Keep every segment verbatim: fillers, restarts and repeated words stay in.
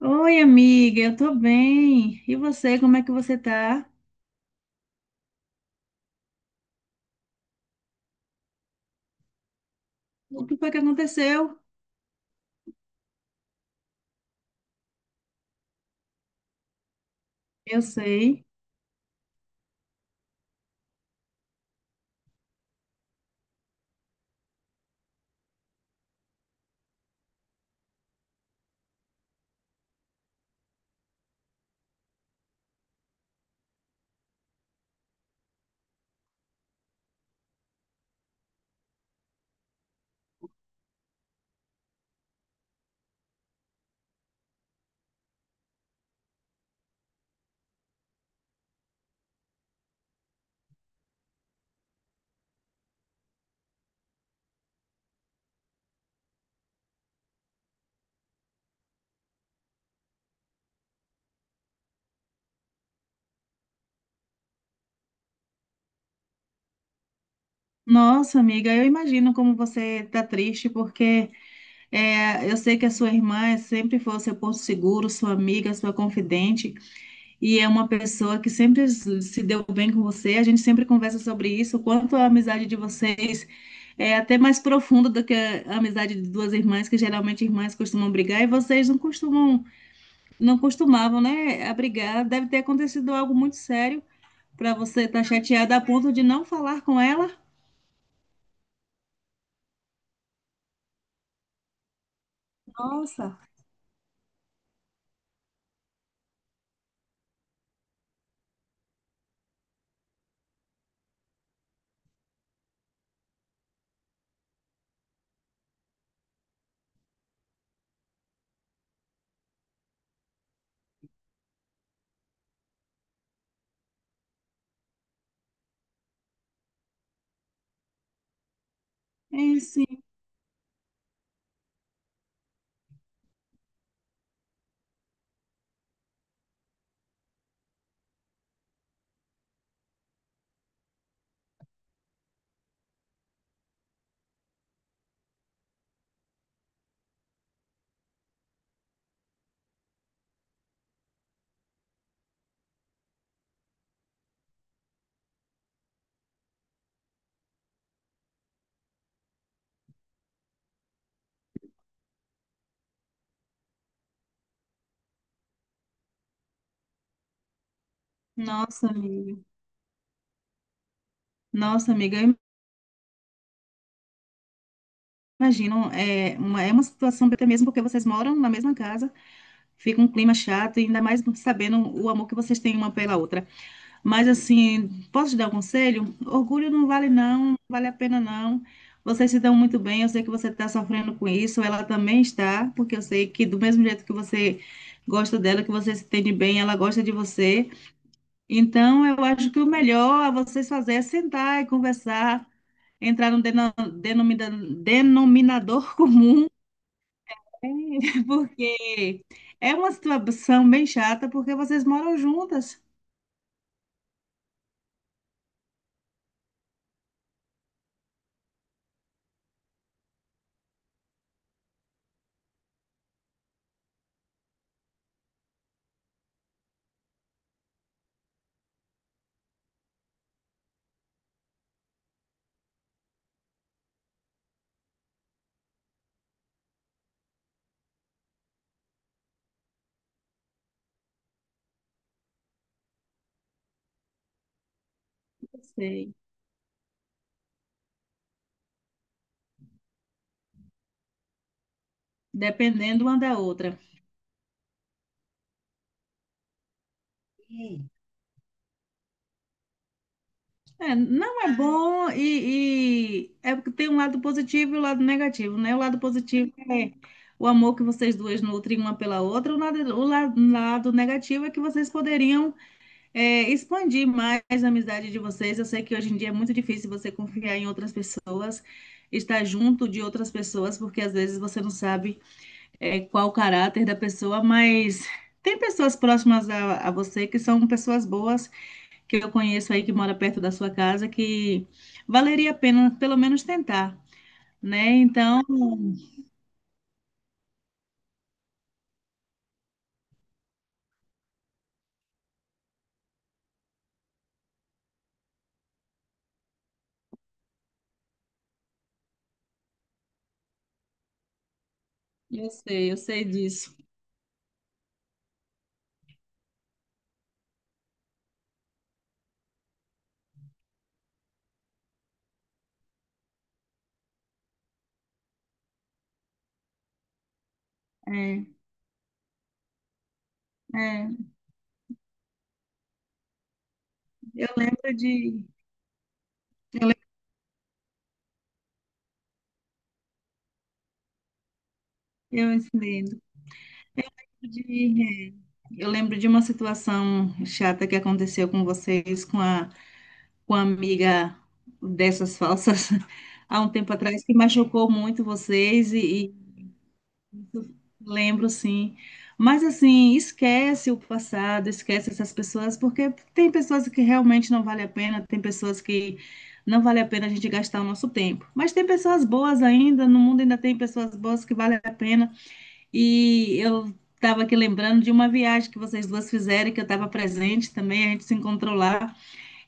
Oi, amiga, eu tô bem. E você, como é que você tá? O que foi que aconteceu? Eu sei. Nossa, amiga, eu imagino como você tá triste, porque é, eu sei que a sua irmã é- sempre foi o seu porto seguro, sua amiga, sua confidente, e é uma pessoa que sempre s- se deu bem com você. A gente sempre conversa sobre isso, o quanto a amizade de vocês é até mais profunda do que a amizade de duas irmãs, que geralmente irmãs costumam brigar, e vocês não costumam. Não costumavam, né, abrigar. Deve ter acontecido algo muito sério para você estar chateada a ponto de não falar com ela. Nossa, é sim. Nossa, amiga. Nossa, amiga, eu imagino. É uma, é uma situação até mesmo porque vocês moram na mesma casa, fica um clima chato, e ainda mais sabendo o amor que vocês têm uma pela outra. Mas assim, posso te dar um conselho? Orgulho não vale não, não vale a pena não. Vocês se dão muito bem, eu sei que você está sofrendo com isso, ela também está, porque eu sei que do mesmo jeito que você gosta dela, que você se entende bem, ela gosta de você. Então, eu acho que o melhor a vocês fazer é sentar e conversar, entrar num deno- denomina- denominador comum, porque é uma situação bem chata, porque vocês moram juntas. Sei. Dependendo uma da outra. É, não é bom e, e é porque tem um lado positivo e o lado negativo, né? O lado positivo é o amor que vocês duas nutrem uma pela outra, o lado, o la- lado negativo é que vocês poderiam é, expandir mais a amizade de vocês. Eu sei que hoje em dia é muito difícil você confiar em outras pessoas, estar junto de outras pessoas, porque às vezes você não sabe é, qual o caráter da pessoa, mas tem pessoas próximas a a você que são pessoas boas que eu conheço aí que mora perto da sua casa que valeria a pena pelo menos tentar, né? Então, eu sei, eu sei disso. É, é, eu lembro de eu, lembro, eu entendo de é, eu lembro de uma situação chata que aconteceu com vocês com a com a amiga dessas falsas há um tempo atrás que machucou muito vocês. Lembro, sim. Mas assim, esquece o passado, esquece essas pessoas, porque tem pessoas que realmente não vale a pena, tem pessoas que não vale a pena a gente gastar o nosso tempo. Mas tem pessoas boas ainda, no mundo ainda tem pessoas boas que vale a pena. E eu estava aqui lembrando de uma viagem que vocês duas fizeram, que eu estava presente também, a gente se encontrou lá.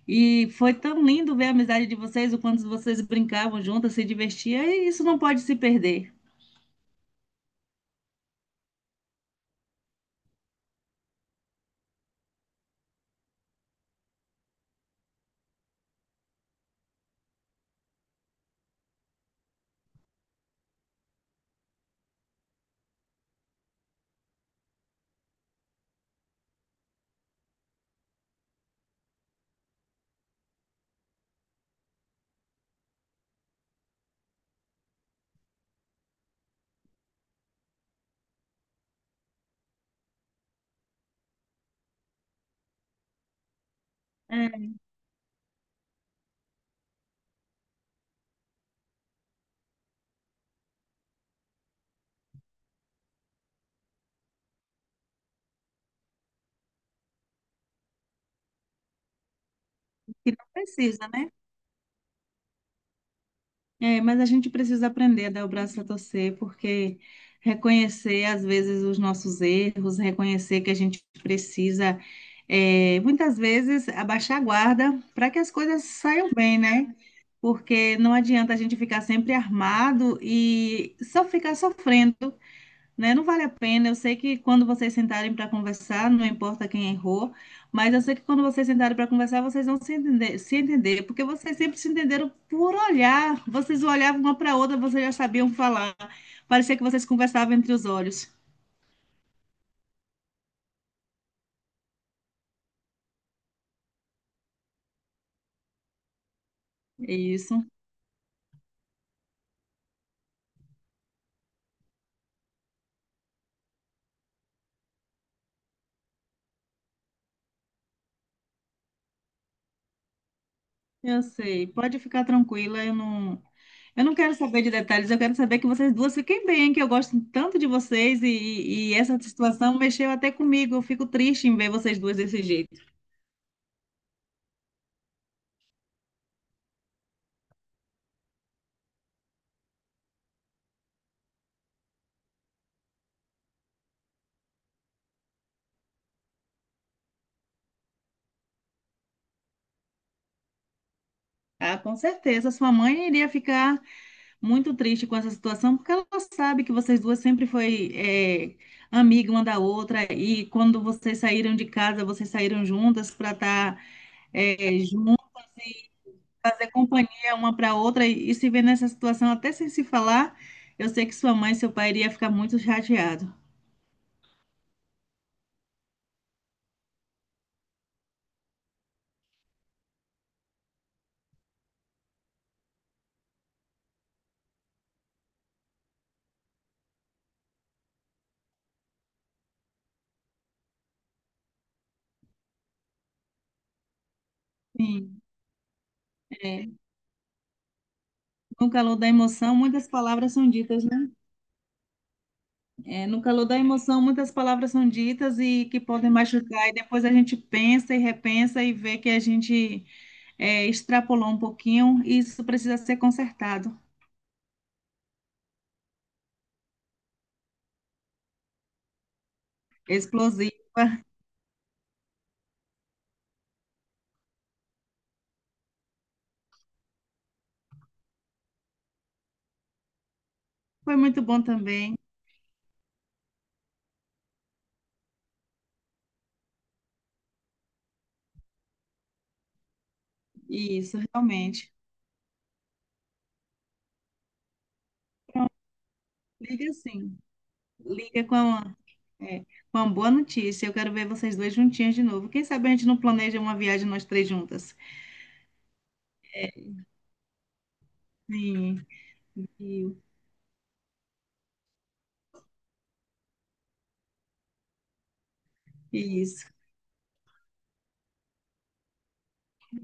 E foi tão lindo ver a amizade de vocês, o quanto vocês brincavam juntas, se divertiam, e isso não pode se perder. É, que não precisa, né? É, mas a gente precisa aprender a dar o braço a torcer, porque reconhecer às vezes os nossos erros, reconhecer que a gente precisa, é, muitas vezes, abaixar a guarda para que as coisas saiam bem, né? Porque não adianta a gente ficar sempre armado e só ficar sofrendo, né? Não vale a pena. Eu sei que quando vocês sentarem para conversar, não importa quem errou, mas eu sei que quando vocês sentarem para conversar, vocês vão se entender, se entender, porque vocês sempre se entenderam por olhar. Vocês olhavam uma para outra, vocês já sabiam falar. Parecia que vocês conversavam entre os olhos. É isso, eu sei. Pode ficar tranquila, eu não. Eu não quero saber de detalhes, eu quero saber que vocês duas fiquem bem, que eu gosto tanto de vocês e, e e essa situação mexeu até comigo. Eu fico triste em ver vocês duas desse jeito. Ah, com certeza. Sua mãe iria ficar muito triste com essa situação, porque ela sabe que vocês duas sempre foi eh, amiga uma da outra, e quando vocês saíram de casa, vocês saíram juntas para estar fazer companhia uma para outra e, e se ver nessa situação, até sem se falar, eu sei que sua mãe e seu pai iria ficar muito chateado. Sim, é, no calor da emoção, muitas palavras são ditas, né? É, no calor da emoção, muitas palavras são ditas e que podem machucar, e depois a gente pensa e repensa e vê que a gente é, extrapolou um pouquinho e isso precisa ser consertado. Explosiva, foi muito bom também, isso, realmente. Liga sim. Liga com uma, é, com uma boa notícia. Eu quero ver vocês dois juntinhas de novo. Quem sabe a gente não planeja uma viagem nós três juntas. Sim, viu? Isso,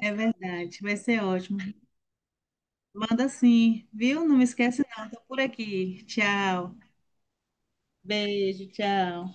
é verdade. Vai ser ótimo. Manda sim, viu? Não me esquece não. Tô por aqui. Tchau. Beijo, tchau.